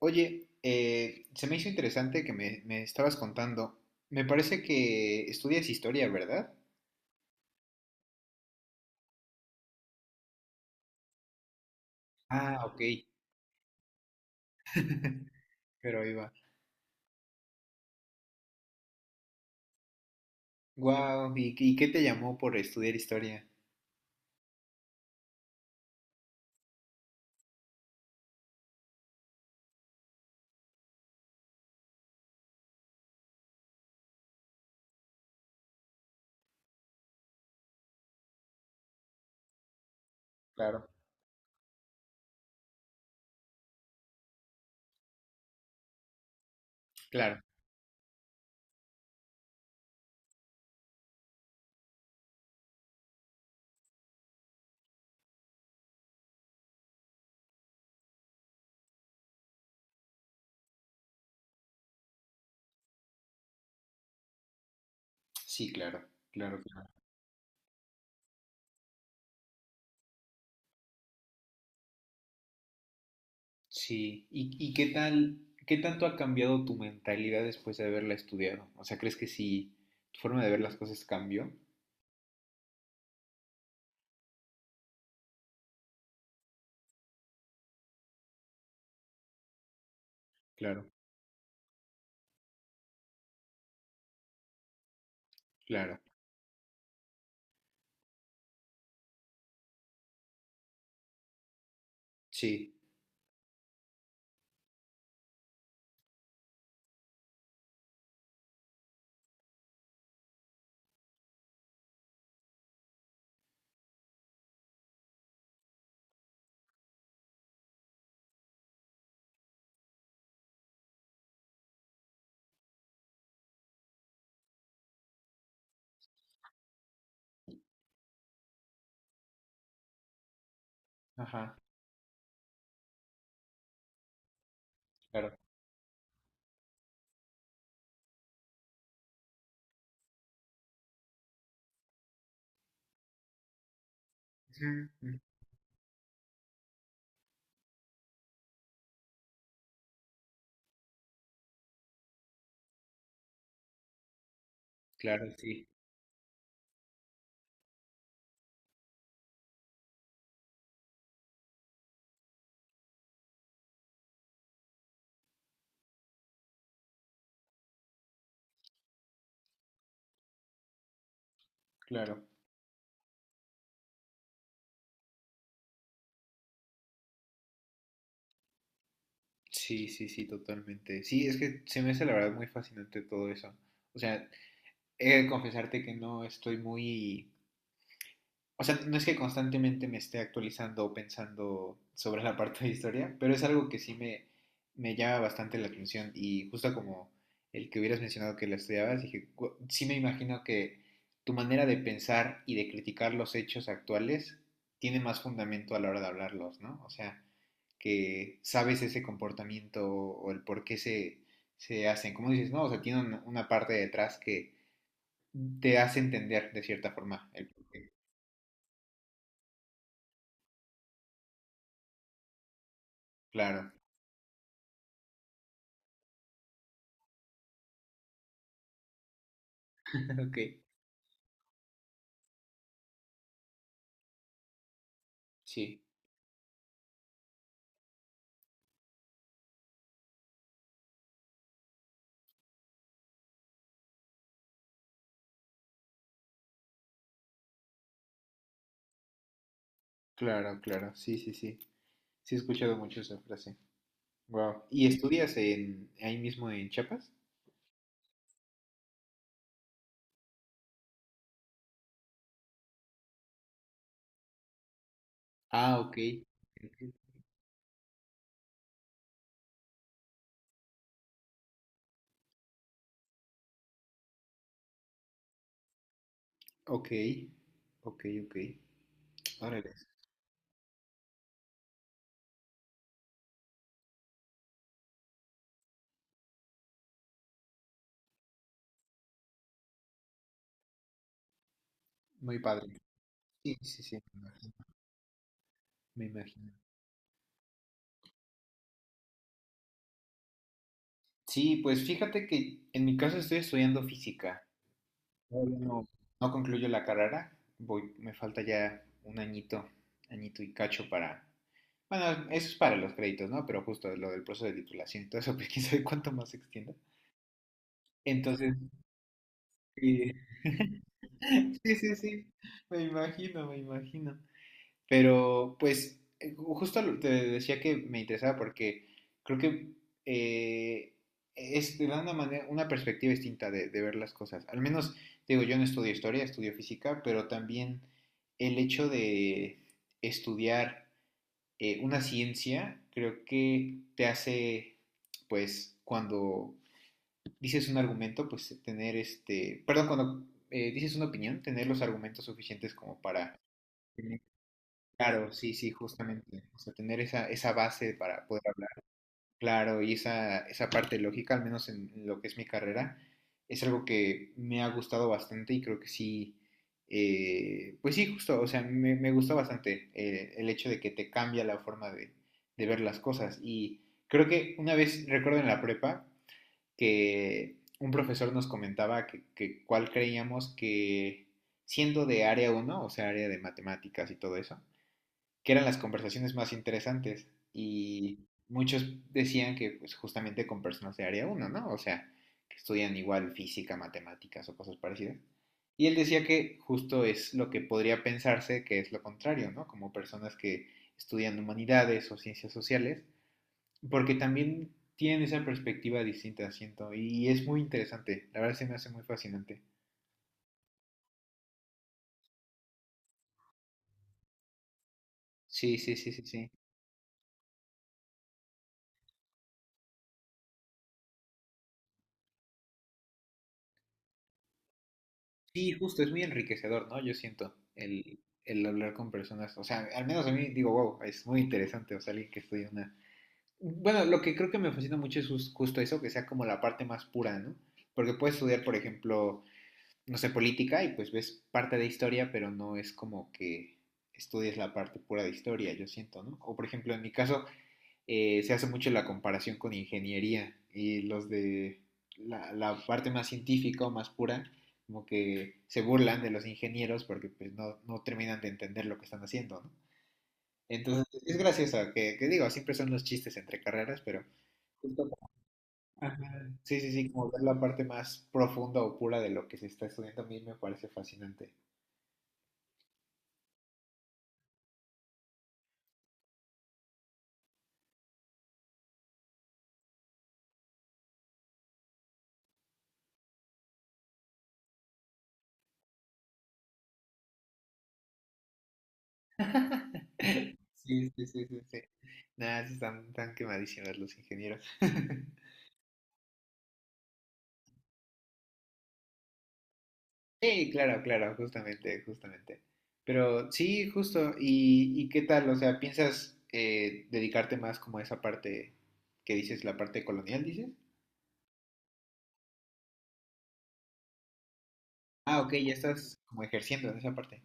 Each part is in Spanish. Oye, se me hizo interesante que me estabas contando. Me parece que estudias historia, ¿verdad? Ah, ok. Pero iba. Wow. Y qué te llamó por estudiar historia? Claro. Claro. Sí, claro, claro, claro. Sí. Y qué tal, qué tanto ha cambiado tu mentalidad después de haberla estudiado? O sea, ¿crees que sí, tu forma de ver las cosas cambió? Claro, claro. Sí. Ajá, claro. Ujú, ujú. Claro, sí, claro. Sí, sí, sí, totalmente. Sí, es que se me hace la verdad muy fascinante todo eso. O sea, he de confesarte que no estoy muy... O sea, no es que constantemente me esté actualizando o pensando sobre la parte de historia, pero es algo que sí me llama bastante la atención. Y justo como el que hubieras mencionado que la estudiabas, dije, "Gu- sí me imagino que tu manera de pensar y de criticar los hechos actuales tiene más fundamento a la hora de hablarlos, ¿no? O sea, que sabes ese comportamiento o el por qué se hacen. Como dices, no, o sea, tiene una parte detrás que te hace entender de cierta forma el por qué. Claro. Ok, sí. Claro, claro, sí, sí, sí. Sí he escuchado mucho esa frase. Wow. ¿Y estudias en ahí mismo en Chiapas? Ah, ok. Ok. Ok, ok, ok. Órale, muy padre. Sí, sí, sí, me imagino. Me imagino. Sí, pues fíjate que en mi caso estoy estudiando física. Todavía no, no concluyo la carrera, voy, me falta ya un añito, añito y cacho para... Bueno, eso es para los créditos, ¿no? Pero justo lo del proceso de titulación y todo eso, pues quién sabe cuánto más se extienda. Entonces, eh, sí, sí, sí, me imagino, me imagino. Pero pues justo te decía que me interesaba porque creo que eh, es de una manera, una perspectiva distinta de ver las cosas. Al menos, digo, yo no estudio historia, estudio física, pero también el hecho de estudiar una ciencia creo que te hace, pues, cuando dices un argumento, pues tener este, perdón, cuando dices una opinión, tener los argumentos suficientes como para claro, sí, sí, justamente. O sea, tener esa, esa base para poder hablar. Claro, y esa parte lógica, al menos en lo que es mi carrera, es algo que me ha gustado bastante y creo que sí, pues sí, justo, o sea, me gustó bastante el hecho de que te cambia la forma de ver las cosas. Y creo que una vez, recuerdo en la prepa, que un profesor nos comentaba que cuál creíamos que, siendo de área uno, o sea, área de matemáticas y todo eso, que eran las conversaciones más interesantes y muchos decían que pues, justamente con personas de área uno, ¿no? O sea, que estudian igual física, matemáticas o cosas parecidas. Y él decía que justo es lo que podría pensarse que es lo contrario, ¿no? Como personas que estudian humanidades o ciencias sociales, porque también tienen esa perspectiva distinta, siento, y es muy interesante, la verdad se me hace muy fascinante. Sí, sí, sí, sí, sí. Sí, justo, es muy enriquecedor, ¿no? Yo siento el hablar con personas, o sea, al menos a mí digo, wow, es muy interesante, o sea, alguien que estudia una... Bueno, lo que creo que me fascina mucho es justo eso, que sea como la parte más pura, ¿no? Porque puedes estudiar, por ejemplo, no sé, política y pues ves parte de historia, pero no es como que estudies la parte pura de historia, yo siento, ¿no? O por ejemplo, en mi caso, se hace mucho la comparación con ingeniería y los de la parte más científica o más pura, como que se burlan de los ingenieros porque pues, no, no terminan de entender lo que están haciendo, ¿no? Entonces, es gracioso, digo, siempre son los chistes entre carreras, pero justo- ajá. Sí, sí, sí, como ver la parte más profunda o pura de lo que se está estudiando a mí me parece fascinante. Sí, sí, sí, sí, sí. Nada, sí están, están quemadísimos los ingenieros. Sí, claro, claro, justamente, justamente. Pero sí, justo. Y qué tal? O sea, ¿piensas dedicarte más como a esa parte que dices, la parte colonial, dices? Ah, ok, ya estás como ejerciendo en esa parte.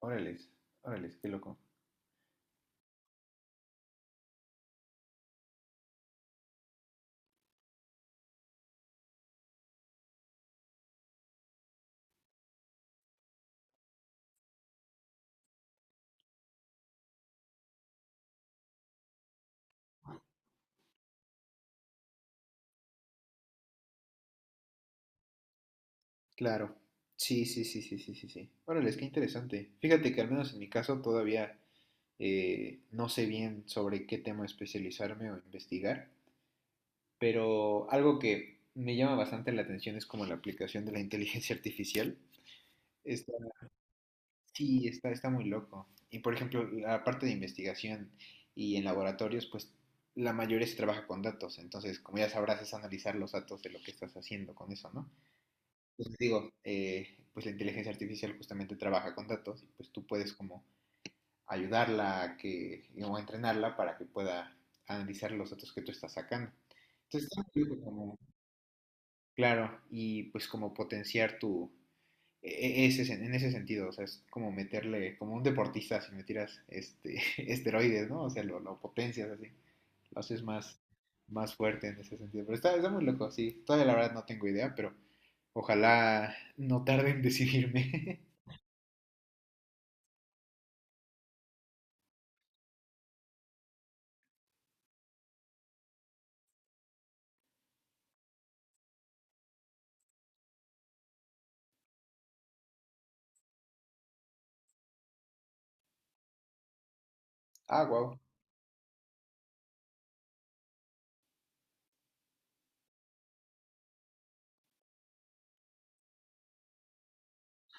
Órales, órales, qué loco. Claro. Sí, sí, sí, sí, sí, sí, sí. Órales, qué interesante. Fíjate que al menos en mi caso todavía no sé bien sobre qué tema especializarme o investigar, pero algo que me llama bastante la atención es como la aplicación de la inteligencia artificial. Está, sí, está, está muy loco. Y por ejemplo, la parte de investigación y en laboratorios, pues la mayoría se trabaja con datos. Entonces, como ya sabrás, es analizar los datos de lo que estás haciendo con eso, ¿no? Entonces digo, pues la inteligencia artificial justamente trabaja con datos y pues tú puedes como ayudarla a que, o entrenarla para que pueda analizar los datos que tú estás sacando. Entonces, está muy loco como, claro, y pues como potenciar tu, ese, en ese sentido, o sea, es como meterle, como un deportista, si me tiras este, esteroides, ¿no? O sea, lo potencias así, lo haces más, más fuerte en ese sentido. Pero está, está muy loco, sí. Todavía la verdad no tengo idea, pero ojalá no tarde en decidirme. Ah, wow.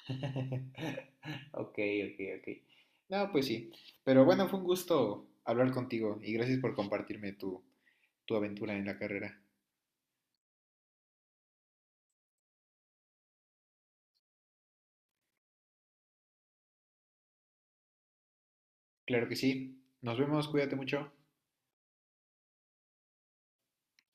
Ok, ok, ok. No, pues sí. Pero bueno, fue un gusto hablar contigo y gracias por compartirme tu, tu aventura en la carrera. Claro que sí. Nos vemos, cuídate mucho.